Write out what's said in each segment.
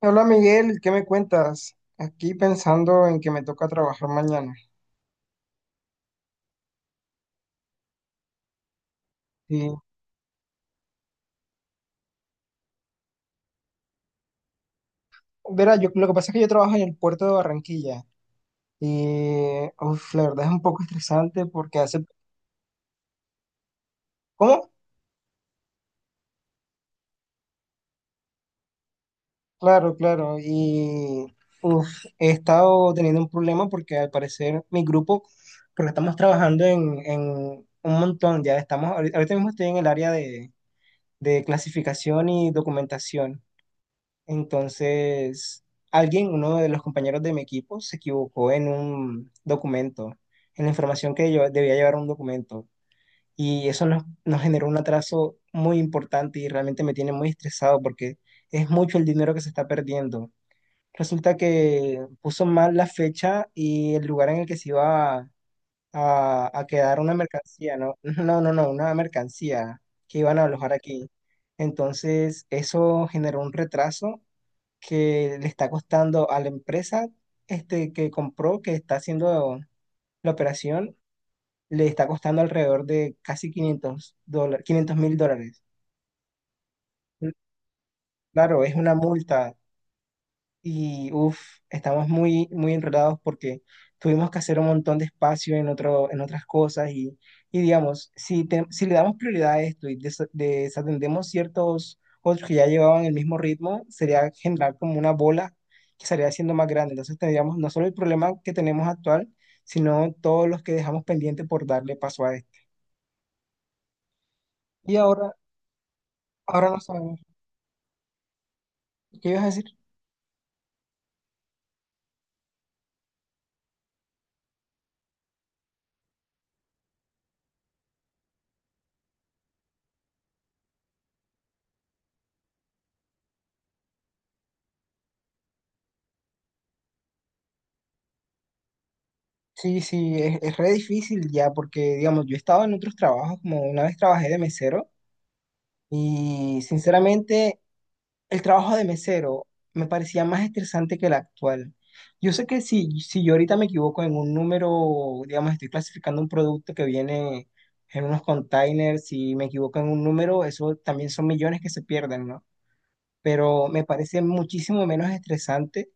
Hola Miguel, ¿qué me cuentas? Aquí pensando en que me toca trabajar mañana. Y, verá, yo, lo que pasa es que yo trabajo en el puerto de Barranquilla y uf, la verdad es un poco estresante porque hace... ¿Cómo? Claro, claro. Y uf, he estado teniendo un problema porque al parecer mi grupo, porque estamos trabajando en un montón, ya estamos, ahorita ahorita mismo estoy en el área de clasificación y documentación. Entonces, alguien, uno de los compañeros de mi equipo, se equivocó en un documento, en la información que yo debía llevar un documento. Y eso nos generó un atraso muy importante y realmente me tiene muy estresado porque es mucho el dinero que se está perdiendo. Resulta que puso mal la fecha y el lugar en el que se iba a quedar una mercancía, ¿no? No, no, no, una mercancía que iban a alojar aquí. Entonces, eso generó un retraso que le está costando a la empresa que compró, que está haciendo la operación, le está costando alrededor de casi $500, 500 mil dólares. Claro, es una multa. Y uff, estamos muy, muy enredados porque tuvimos que hacer un montón de espacio en otras cosas y, digamos, si le damos prioridad a esto y desatendemos ciertos otros que ya llevaban el mismo ritmo, sería generar como una bola que estaría haciendo más grande. Entonces tendríamos no solo el problema que tenemos actual, sino todos los que dejamos pendiente por darle paso a esto. Y ahora no sabemos. ¿Qué ibas a decir? Sí, sí, es re difícil ya porque, digamos, yo he estado en otros trabajos, como una vez trabajé de mesero. Y sinceramente, el trabajo de mesero me parecía más estresante que el actual. Yo sé que si yo ahorita me equivoco en un número, digamos, estoy clasificando un producto que viene en unos containers, si me equivoco en un número, eso también son millones que se pierden, ¿no? Pero me parece muchísimo menos estresante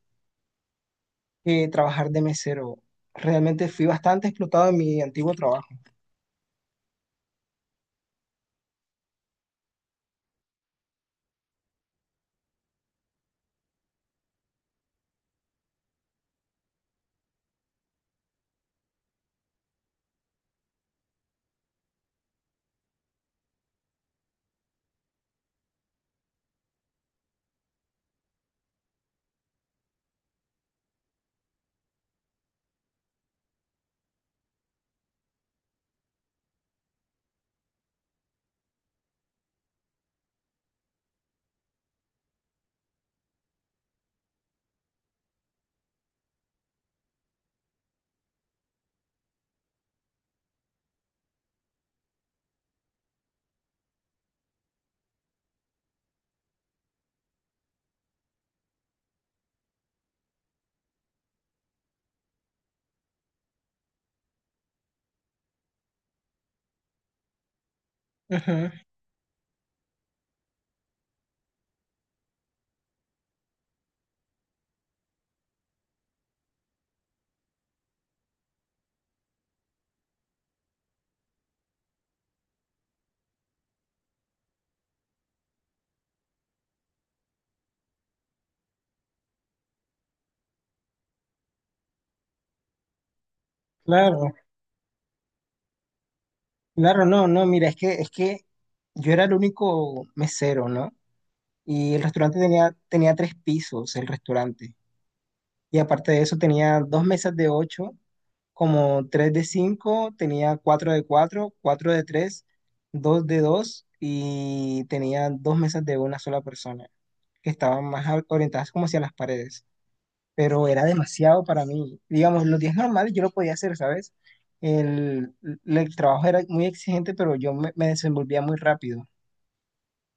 que trabajar de mesero. Realmente fui bastante explotado en mi antiguo trabajo. Ujú. Claro, claro, no, no, mira, es que yo era el único mesero, ¿no? Y el restaurante tenía tres pisos, el restaurante. Y aparte de eso, tenía dos mesas de ocho, como tres de cinco, tenía cuatro de cuatro, cuatro de tres, dos de dos, y tenía dos mesas de una sola persona, que estaban más a- orientadas como hacia las paredes. Pero era demasiado para mí. Digamos, los días normales yo lo podía hacer, ¿sabes? El, el trabajo era muy exigente, pero yo me desenvolvía muy rápido.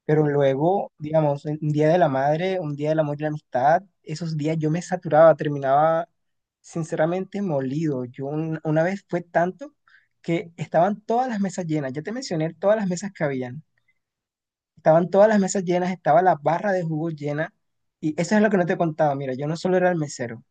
Pero luego, digamos, un día de la madre, un día del amor y la amistad, esos días yo me saturaba, terminaba sinceramente molido. Yo una vez fue tanto que estaban todas las mesas llenas. Ya te mencioné todas las mesas que habían. Estaban todas las mesas llenas, estaba la barra de jugo llena. Y eso es lo que no te contaba. Mira, yo no solo era el mesero.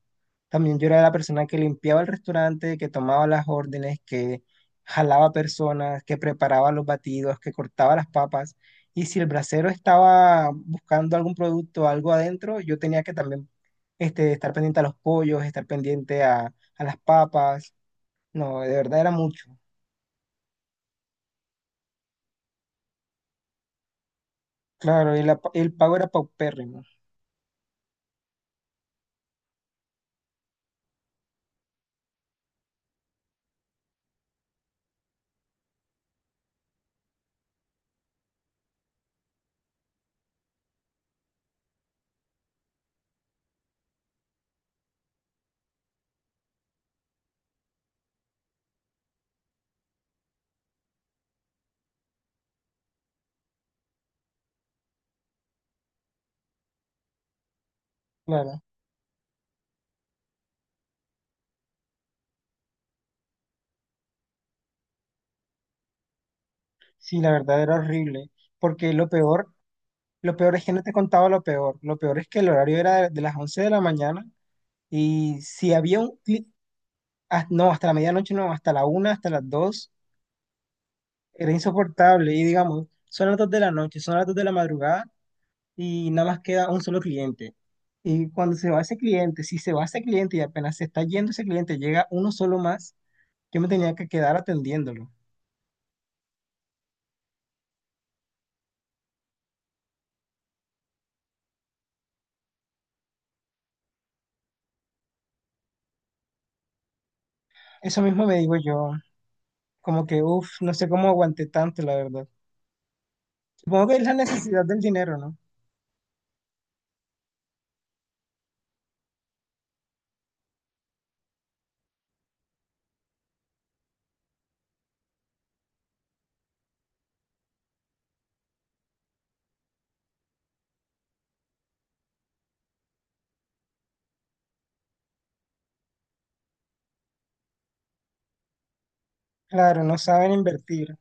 También yo era la persona que limpiaba el restaurante, que tomaba las órdenes, que jalaba personas, que preparaba los batidos, que cortaba las papas. Y si el bracero estaba buscando algún producto, algo adentro, yo tenía que también estar pendiente a los pollos, estar pendiente a las papas. No, de verdad era mucho. Claro, y el pago era paupérrimo. Claro, sí, la verdad era horrible. Porque lo peor es que no te contaba lo peor. Lo peor es que el horario era de las 11 de la mañana. Y si había un clic, ah, no, hasta la medianoche no, hasta la una, hasta las dos, era insoportable. Y digamos, son las dos de la noche, son las dos de la madrugada y nada más queda un solo cliente. Y cuando se va ese cliente, si se va ese cliente y apenas se está yendo ese cliente, llega uno solo más, yo me tenía que quedar atendiéndolo. Eso mismo me digo yo, como que, uff, no sé cómo aguanté tanto, la verdad. Supongo que es la necesidad del dinero, ¿no? Claro, no saben invertir.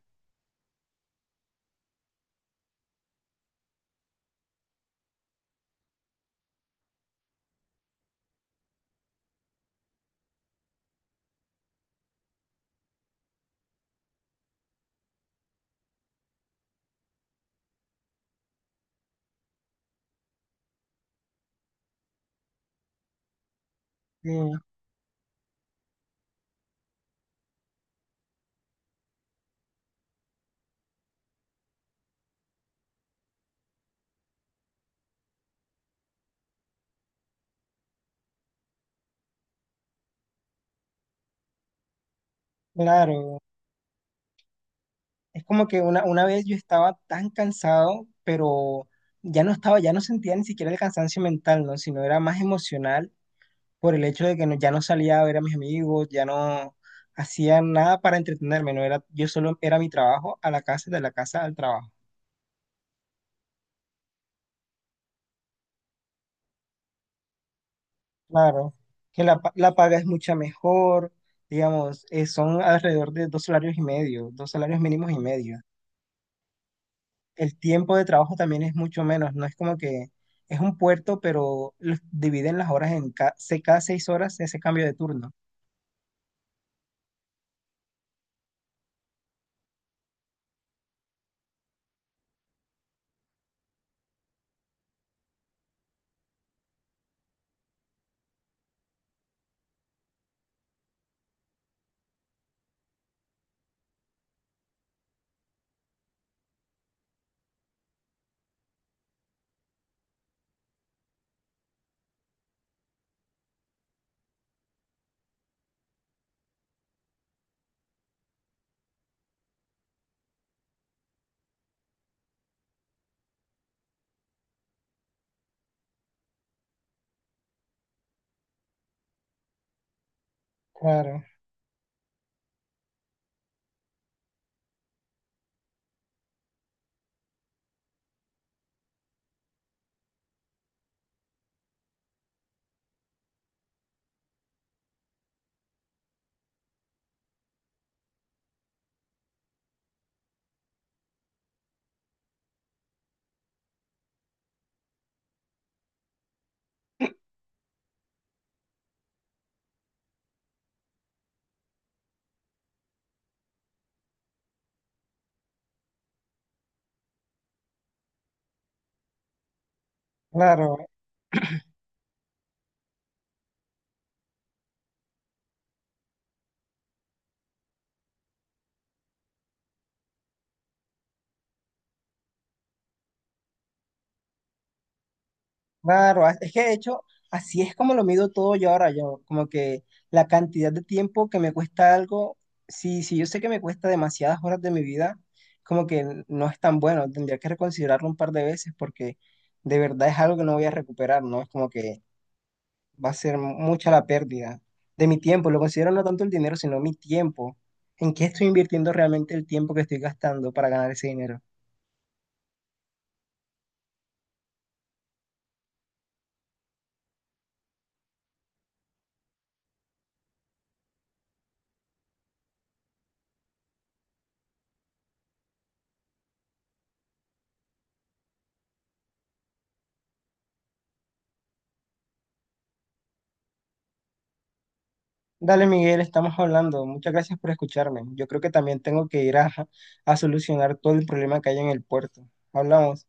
Sí, claro. Es como que una vez yo estaba tan cansado, pero ya no estaba, ya no sentía ni siquiera el cansancio mental, ¿no? Sino era más emocional por el hecho de que ya no salía a ver a mis amigos, ya no hacía nada para entretenerme, ¿no? Era, yo solo era mi trabajo a la casa, de la casa al trabajo. Claro, que la paga es mucha mejor, digamos, son alrededor de dos salarios y medio, dos salarios mínimos y medio. El tiempo de trabajo también es mucho menos, no es como que es un puerto, pero los dividen las horas en cada 6 horas ese cambio de turno. Claro, claro, claro. Es que de hecho, así es como lo mido todo yo ahora, yo, como que la cantidad de tiempo que me cuesta algo, si yo sé que me cuesta demasiadas horas de mi vida, como que no es tan bueno, tendría que reconsiderarlo un par de veces porque de verdad es algo que no voy a recuperar, ¿no? Es como que va a ser mucha la pérdida de mi tiempo. Lo considero no tanto el dinero, sino mi tiempo. ¿En qué estoy invirtiendo realmente el tiempo que estoy gastando para ganar ese dinero? Dale, Miguel, estamos hablando. Muchas gracias por escucharme. Yo creo que también tengo que ir a solucionar todo el problema que hay en el puerto. Hablamos.